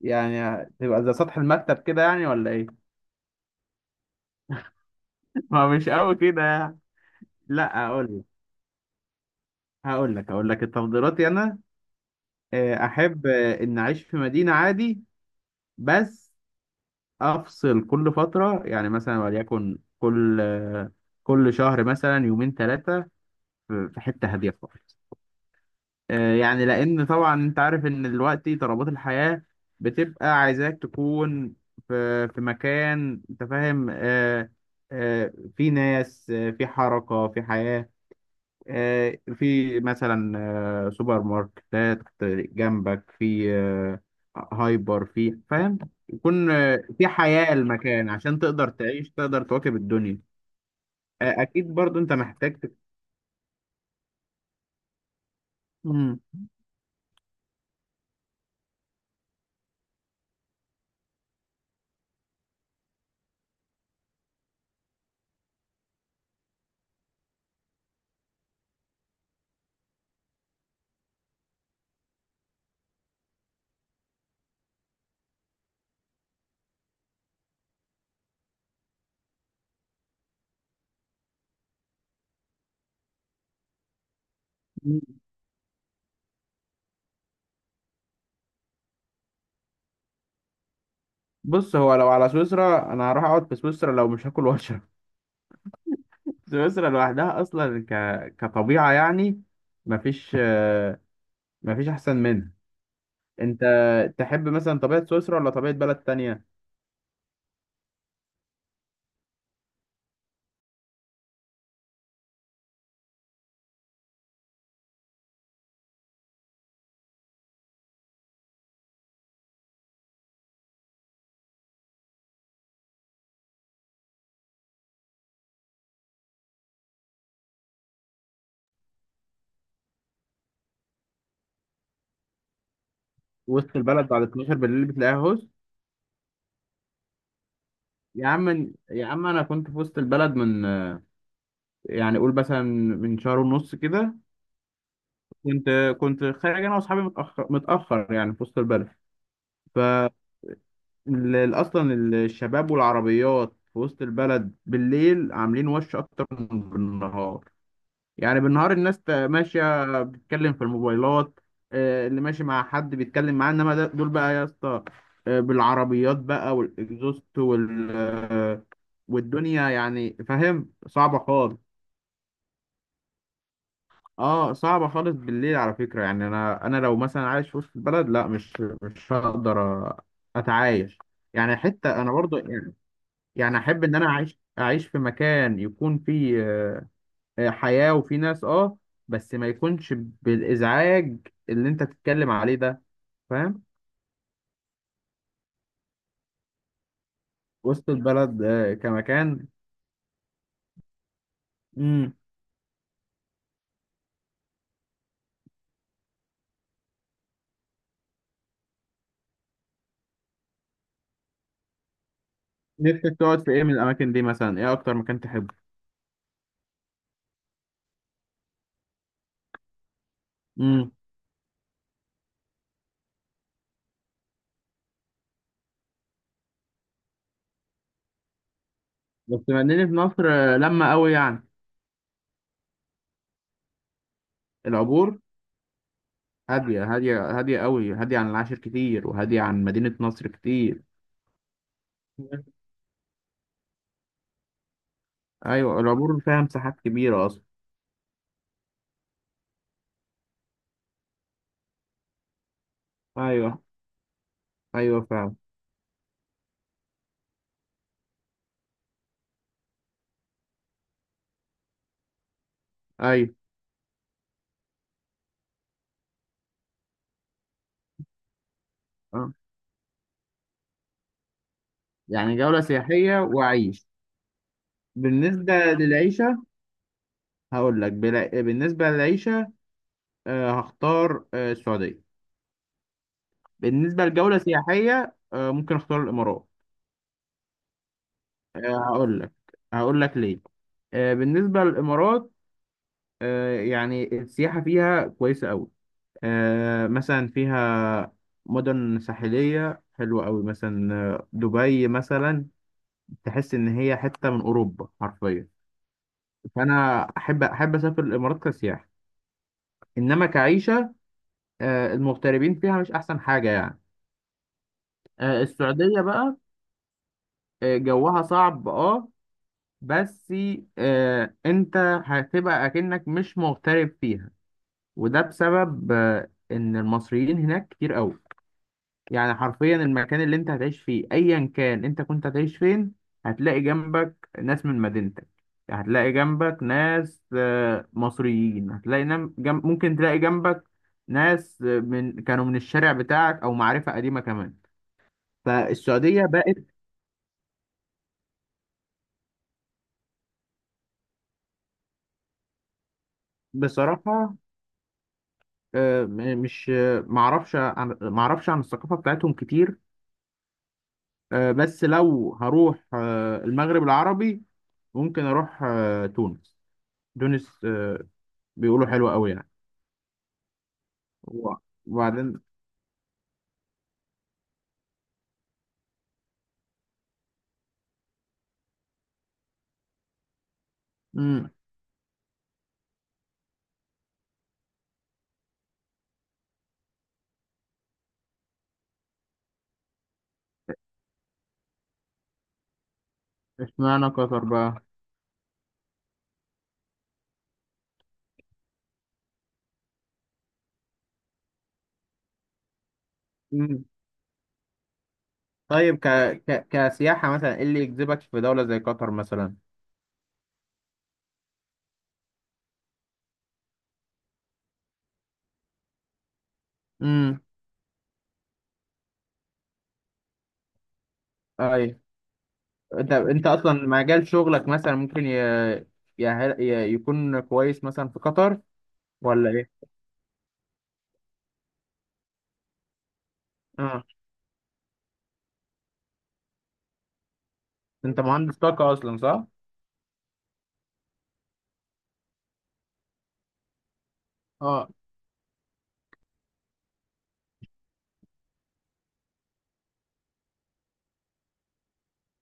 يعني تبقى زي سطح المكتب كده يعني ولا ايه؟ ما هو مش قوي كده يعني. لا اقول لك. هقول لك تفضيلاتي انا. احب ان اعيش في مدينة عادي، بس افصل كل فترة، يعني مثلا وليكن كل كل شهر مثلا يومين ثلاثة في حتة هادية. يعني لان طبعا انت عارف ان دلوقتي طلبات الحياة بتبقى عايزاك تكون في مكان، انت فاهم؟ في ناس، في حركة، في حياة، في مثلا سوبر ماركتات جنبك، في هايبر، في، فاهم؟ يكون في حياة المكان عشان تقدر تعيش، تقدر تواكب الدنيا. اكيد برضو انت محتاج مم. بص، هو لو على سويسرا انا هروح اقعد في سويسرا لو مش هاكل واشرب. سويسرا لوحدها اصلا كطبيعه يعني مفيش مفيش احسن منها. انت تحب مثلا طبيعه سويسرا ولا طبيعه بلد تانية؟ وسط البلد بعد 12 بالليل بتلاقيها هوس. يا عم يا عم، انا كنت في وسط البلد من يعني قول مثلا من شهر ونص كده. كنت خارج انا واصحابي متاخر يعني، في وسط البلد. ف اصلا الشباب والعربيات في وسط البلد بالليل عاملين وش اكتر من بالنهار. يعني بالنهار الناس ماشيه بتتكلم في الموبايلات. اللي ماشي مع حد بيتكلم معاه، انما دول بقى يا اسطى، بالعربيات بقى والاكزوست وال والدنيا، يعني فاهم؟ صعبه خالص. اه صعبه خالص بالليل على فكره. يعني انا لو مثلا عايش في وسط البلد، لا مش هقدر اتعايش. يعني حتى انا برضو يعني، يعني احب ان انا اعيش في مكان يكون فيه حياة وفيه ناس، اه، بس ما يكونش بالازعاج اللي انت تتكلم عليه ده، فاهم؟ وسط البلد كمكان. امم. نفسك تقعد في ايه من الاماكن دي مثلا؟ ايه اكتر مكان تحبه؟ امم. بس بما انني في مصر لما قوي يعني. العبور هادية. هادية، هادية قوي، هادية عن العاشر كتير، وهادية عن مدينة نصر كتير. مم. ايوه العبور فيها مساحات كبيرة اصلا. ايوه. ايوه فعلا. ايوه. آه. يعني جولة سياحية وعيش؟ بالنسبة للعيشة، هقول لك بالنسبة للعيشة، هختار السعودية. بالنسبة لجولة سياحية، ممكن اختار الإمارات. آه، هقول لك، ليه. بالنسبة للإمارات، يعني السياحة فيها كويسة أوي. مثلا فيها مدن ساحلية حلوة أوي، مثلا دبي مثلا، تحس إن هي حتة من أوروبا حرفيا. فأنا أحب أسافر الإمارات كسياحة. انما كعيشه، المغتربين فيها مش احسن حاجه يعني. السعوديه بقى، جوها صعب اه، بس انت هتبقى اكنك مش مغترب فيها. وده بسبب ان المصريين هناك كتير قوي. يعني حرفيا المكان اللي انت هتعيش فيه ايا كان انت كنت هتعيش فين، هتلاقي جنبك ناس من مدينتك، هتلاقي جنبك ناس مصريين، هتلاقي ممكن تلاقي جنبك ناس من كانوا من الشارع بتاعك، او معرفة قديمة كمان. فالسعودية بقت. بصراحة مش معرفش عن الثقافة بتاعتهم كتير. بس لو هروح المغرب العربي، ممكن اروح تونس. تونس بيقولوا حلوة قوي يعني. و- وبعدين. امم. اشمعنى قطر بقى؟ امم. طيب كسياحة، مثلا ايه اللي يجذبك في دولة زي قطر مثلا؟ امم. اي. انت اصلا مجال شغلك مثلا ممكن يكون كويس مثلا في قطر ولا ايه؟ اه. انت مهندس طاقة اصلا، صح؟ اه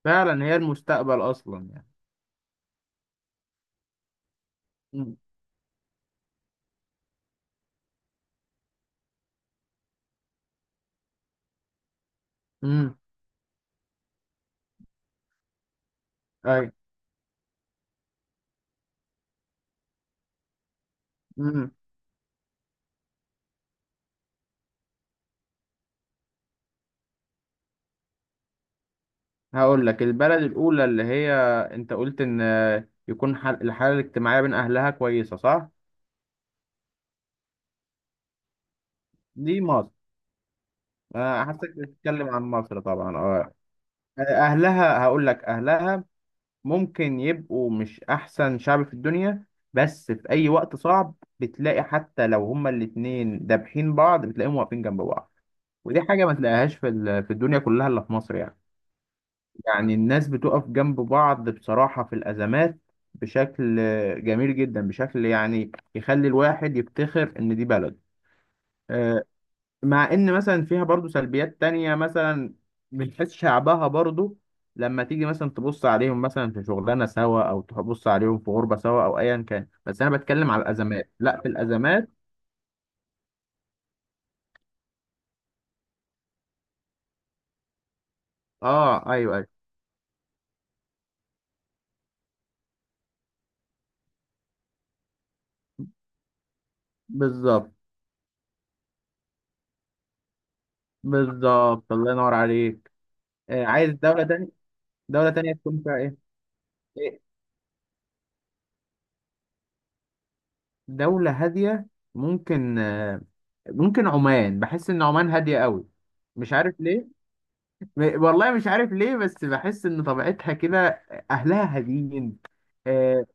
فعلا، هي المستقبل اصلا يعني. امم. امم. اي. امم. هقول لك البلد الاولى اللي هي، انت قلت ان يكون الحالة الاجتماعية بين اهلها كويسة، صح؟ دي مصر. حاسسك بتتكلم عن مصر طبعا، اه. اهلها، هقول لك اهلها ممكن يبقوا مش احسن شعب في الدنيا، بس في اي وقت صعب بتلاقي حتى لو هما الاتنين دابحين بعض، بتلاقيهم واقفين جنب بعض. ودي حاجة ما تلاقيهاش في في الدنيا كلها الا في مصر يعني. يعني الناس بتقف جنب بعض بصراحة في الازمات، بشكل جميل جدا، بشكل يعني يخلي الواحد يفتخر ان دي بلد. آه، مع ان مثلا فيها برضو سلبيات تانية مثلا من حيث شعبها برضو، لما تيجي مثلا تبص عليهم مثلا في شغلانه سوا او تبص عليهم في غربه سوا او ايا كان، بس انا بتكلم على الازمات، لا في الازمات. اه ايوه، ايوه، بالظبط. بالظبط الله ينور عليك. آه عايز دوله تانية. دوله تانية تكون فيها ايه؟ إيه؟ دوله هاديه. ممكن آه، ممكن عمان، بحس ان عمان هاديه قوي. مش عارف ليه، والله مش عارف ليه، بس بحس ان طبيعتها كده، اهلها هاديين، اه.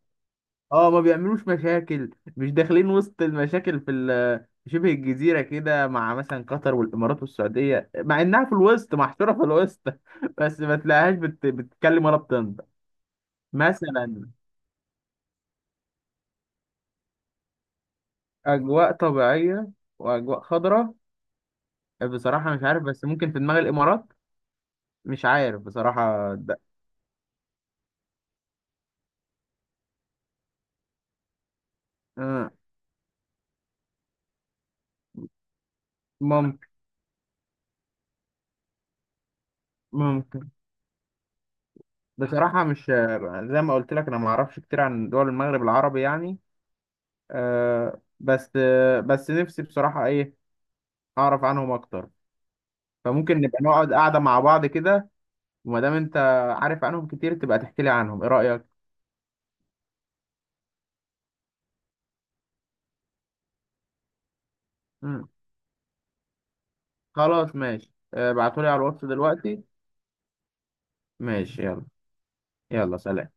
ما بيعملوش مشاكل، مش داخلين وسط المشاكل في في شبه الجزيرة كده، مع مثلا قطر والامارات والسعودية، مع انها في الوسط محشورة في الوسط. بس ما تلاقيهاش بتتكلم ولا بتنطق مثلا. اجواء طبيعية واجواء خضراء. بصراحة مش عارف، بس ممكن في دماغ الامارات. مش عارف بصراحة ده. آه، ممكن. ممكن. بصراحة مش، زي ما قلت لك، أنا ما أعرفش كتير عن دول المغرب العربي يعني. بس بس نفسي بصراحة إيه أعرف عنهم أكتر. فممكن نبقى نقعد قاعدة مع بعض كده. وما دام أنت عارف عنهم كتير، تبقى تحكي لي عنهم، إيه رأيك؟ مم. خلاص ماشي. ابعتولي على الواتس دلوقتي. ماشي يلا. يلا سلام.